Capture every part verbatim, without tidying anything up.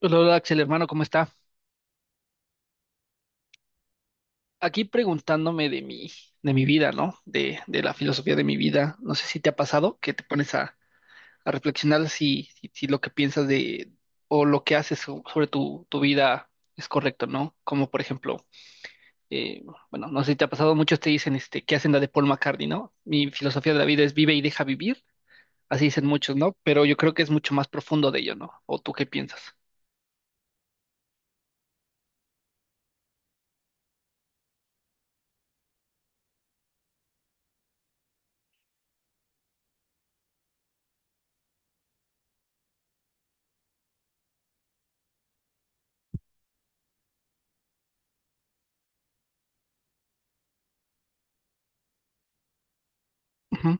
Hola, hola, Axel, hermano, ¿cómo está? Aquí preguntándome de mi, de mi vida, ¿no? De, de la filosofía de mi vida. No sé si te ha pasado que te pones a, a reflexionar si, si, si lo que piensas de, o lo que haces so- sobre tu, tu vida es correcto, ¿no? Como por ejemplo, eh, bueno, no sé si te ha pasado, muchos te dicen este, que hacen la de Paul McCartney, ¿no? Mi filosofía de la vida es vive y deja vivir, así dicen muchos, ¿no? Pero yo creo que es mucho más profundo de ello, ¿no? ¿O tú qué piensas? Ujú.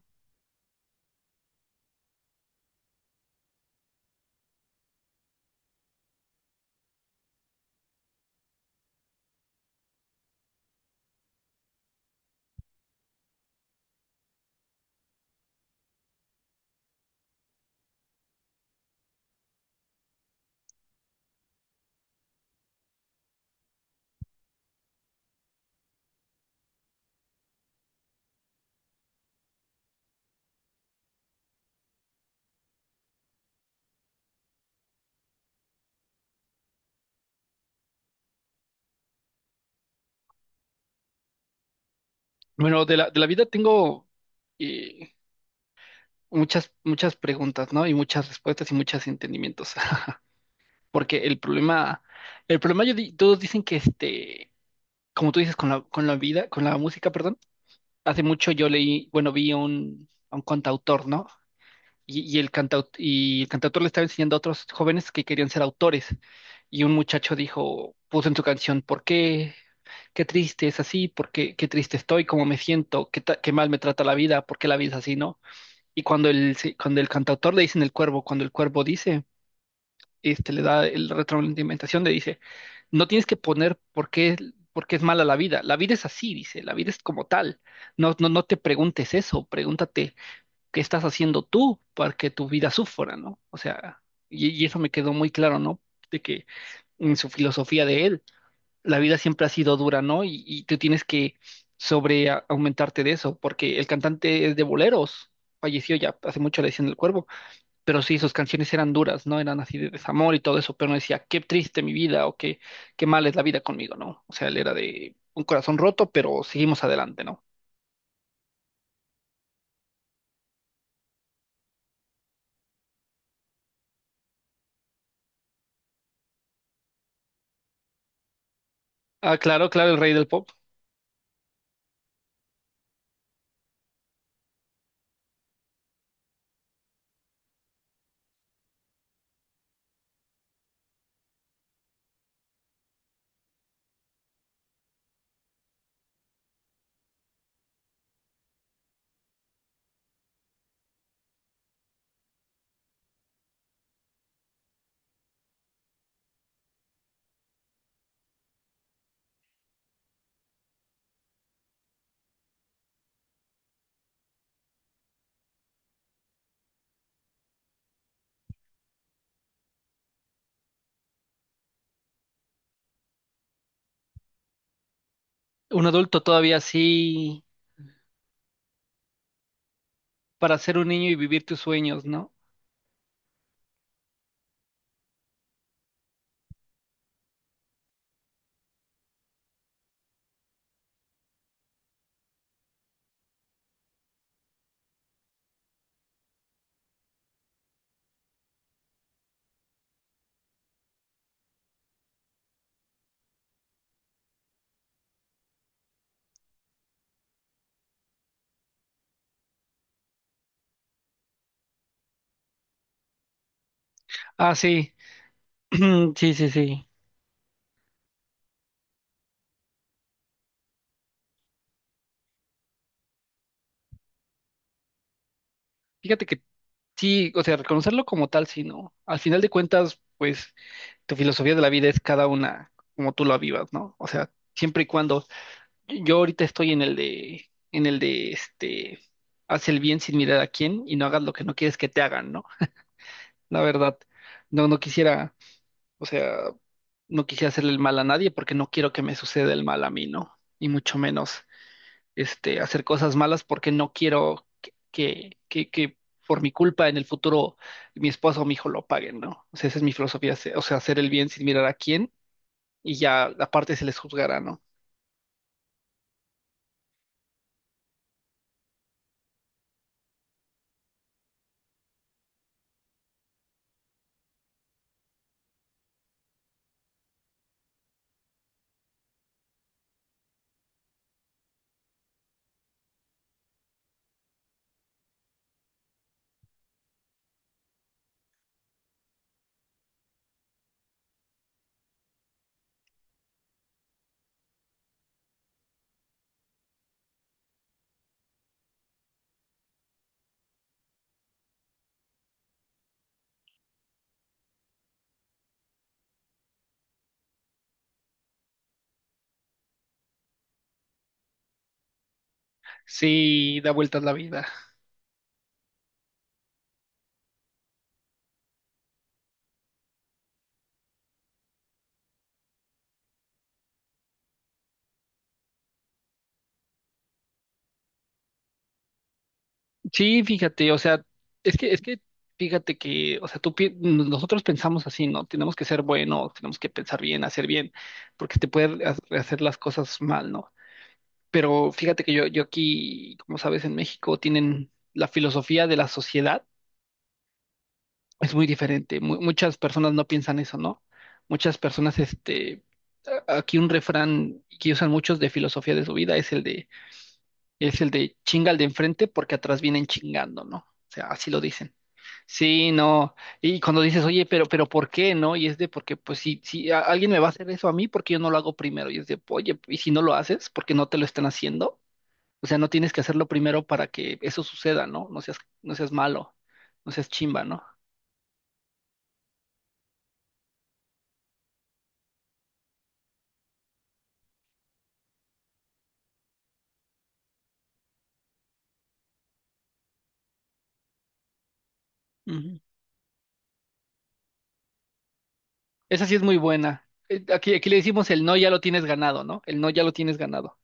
Bueno, de la, de la vida tengo eh, muchas, muchas preguntas, ¿no? Y muchas respuestas y muchos entendimientos. Porque el problema, el problema, yo di- todos dicen que este, como tú dices, con la, con la vida, con la música, perdón, hace mucho yo leí, bueno, vi a un, a un cantautor, ¿no? Y, y el cantaut y el cantautor le estaba enseñando a otros jóvenes que querían ser autores. Y un muchacho dijo, puso en su canción, ¿por qué? Qué triste es así, por qué, qué triste estoy, cómo me siento, qué, ta- qué mal me trata la vida, por qué la vida es así, ¿no? Y cuando el, se- cuando el cantautor le dice en el cuervo, cuando el cuervo dice, este, le da el retroalimentación, le dice, no tienes que poner por qué, por qué es mala la vida. La vida es así, dice, la vida es como tal. No, no, no te preguntes eso, pregúntate qué estás haciendo tú para que tu vida sufra, ¿no? O sea, y, y eso me quedó muy claro, ¿no? De que en su filosofía de él, la vida siempre ha sido dura, ¿no? Y, y tú tienes que sobre a- aumentarte de eso, porque el cantante es de boleros, falleció ya hace mucho, le decían el cuervo, pero sí, sus canciones eran duras, ¿no? Eran así de desamor y todo eso, pero no decía, qué triste mi vida o qué, qué mal es la vida conmigo, ¿no? O sea, él era de un corazón roto, pero seguimos adelante, ¿no? Ah, claro, claro, el rey del pop. Un adulto todavía así para ser un niño y vivir tus sueños, ¿no? Ah, sí, sí, sí, sí. Fíjate que sí, o sea, reconocerlo como tal, sí, ¿no? Al final de cuentas, pues tu filosofía de la vida es cada una como tú la vivas, ¿no? O sea, siempre y cuando. Yo ahorita estoy en el de, en el de este, haz el bien sin mirar a quién y no hagas lo que no quieres que te hagan, ¿no? La verdad, no, no quisiera, o sea, no quisiera hacerle el mal a nadie porque no quiero que me suceda el mal a mí, ¿no? Y mucho menos, este, hacer cosas malas porque no quiero que, que, que, que por mi culpa en el futuro mi esposo o mi hijo lo paguen, ¿no? O sea, esa es mi filosofía, o sea, hacer el bien sin mirar a quién y ya aparte se les juzgará, ¿no? Sí, da vueltas la vida. Sí, fíjate, o sea, es que, es que, fíjate que, o sea, tú, pi- nosotros pensamos así, ¿no? Tenemos que ser buenos, tenemos que pensar bien, hacer bien, porque te pueden ha- hacer las cosas mal, ¿no? Pero fíjate que yo, yo aquí, como sabes, en México tienen la filosofía de la sociedad, es muy diferente. Mu- muchas personas no piensan eso, ¿no? Muchas personas, este, a- aquí un refrán que usan muchos de filosofía de su vida es el de, es el de chinga al de enfrente porque atrás vienen chingando, ¿no? O sea, así lo dicen. Sí, no. Y cuando dices, oye, pero, pero ¿por qué, no? Y es de porque, pues, si, si a- alguien me va a hacer eso a mí, ¿por qué yo no lo hago primero? Y es de, oye, y si no lo haces, ¿por qué no te lo están haciendo? O sea, no tienes que hacerlo primero para que eso suceda, ¿no? No seas, no seas malo, no seas chimba, ¿no? Ujú. Esa sí es muy buena. Eh, Aquí, aquí le decimos el no ya lo tienes ganado, ¿no? El no ya lo tienes ganado.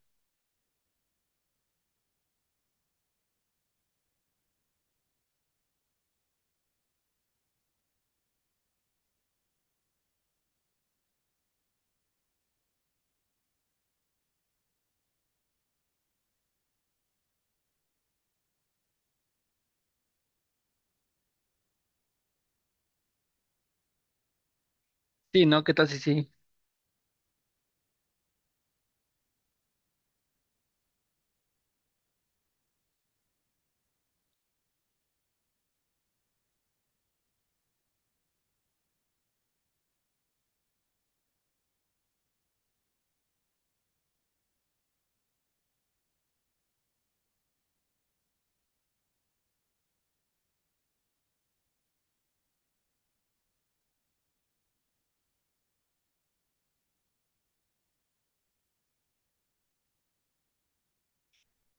Sí, ¿no? ¿Qué tal si sí?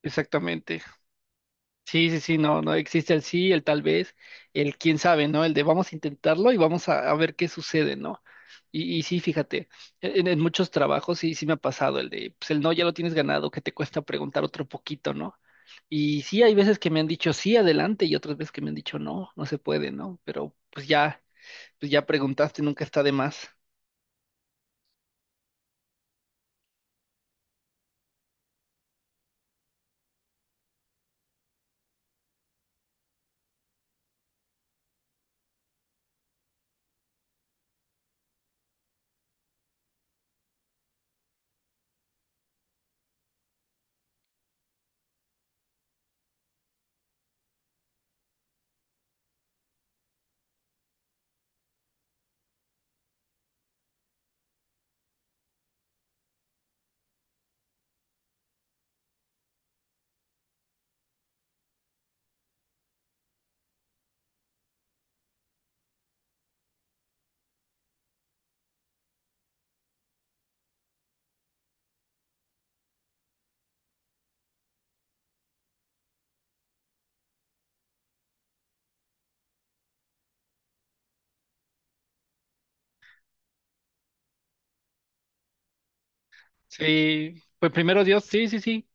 Exactamente. Sí, sí, sí, no, no existe el sí, el tal vez, el quién sabe, ¿no? El de vamos a intentarlo y vamos a, a ver qué sucede, ¿no? Y, y sí, fíjate, e-, en, en muchos trabajos sí, sí me ha pasado el de, pues el no ya lo tienes ganado, que te cuesta preguntar otro poquito, ¿no? Y sí, hay veces que me han dicho sí, adelante, y otras veces que me han dicho no, no se puede, ¿no? Pero pues ya, pues ya preguntaste, nunca está de más. Sí, pues primero Dios, sí, sí, sí.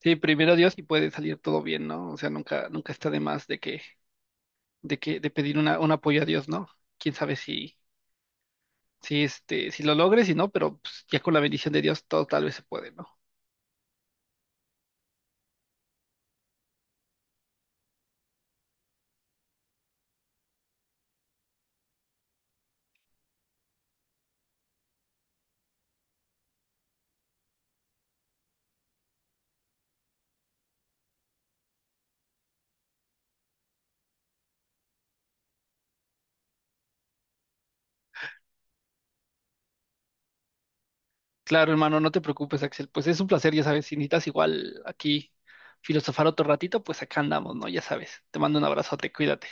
Sí, primero Dios y puede salir todo bien, ¿no? O sea, nunca, nunca está de más de que de que, de pedir una, un apoyo a Dios, ¿no? Quién sabe si, si este, si lo logres, si no, pero pues, ya con la bendición de Dios todo tal vez se puede, ¿no? Claro, hermano, no te preocupes, Axel. Pues es un placer, ya sabes, si necesitas igual aquí filosofar otro ratito, pues acá andamos, ¿no? Ya sabes. Te mando un abrazote, cuídate.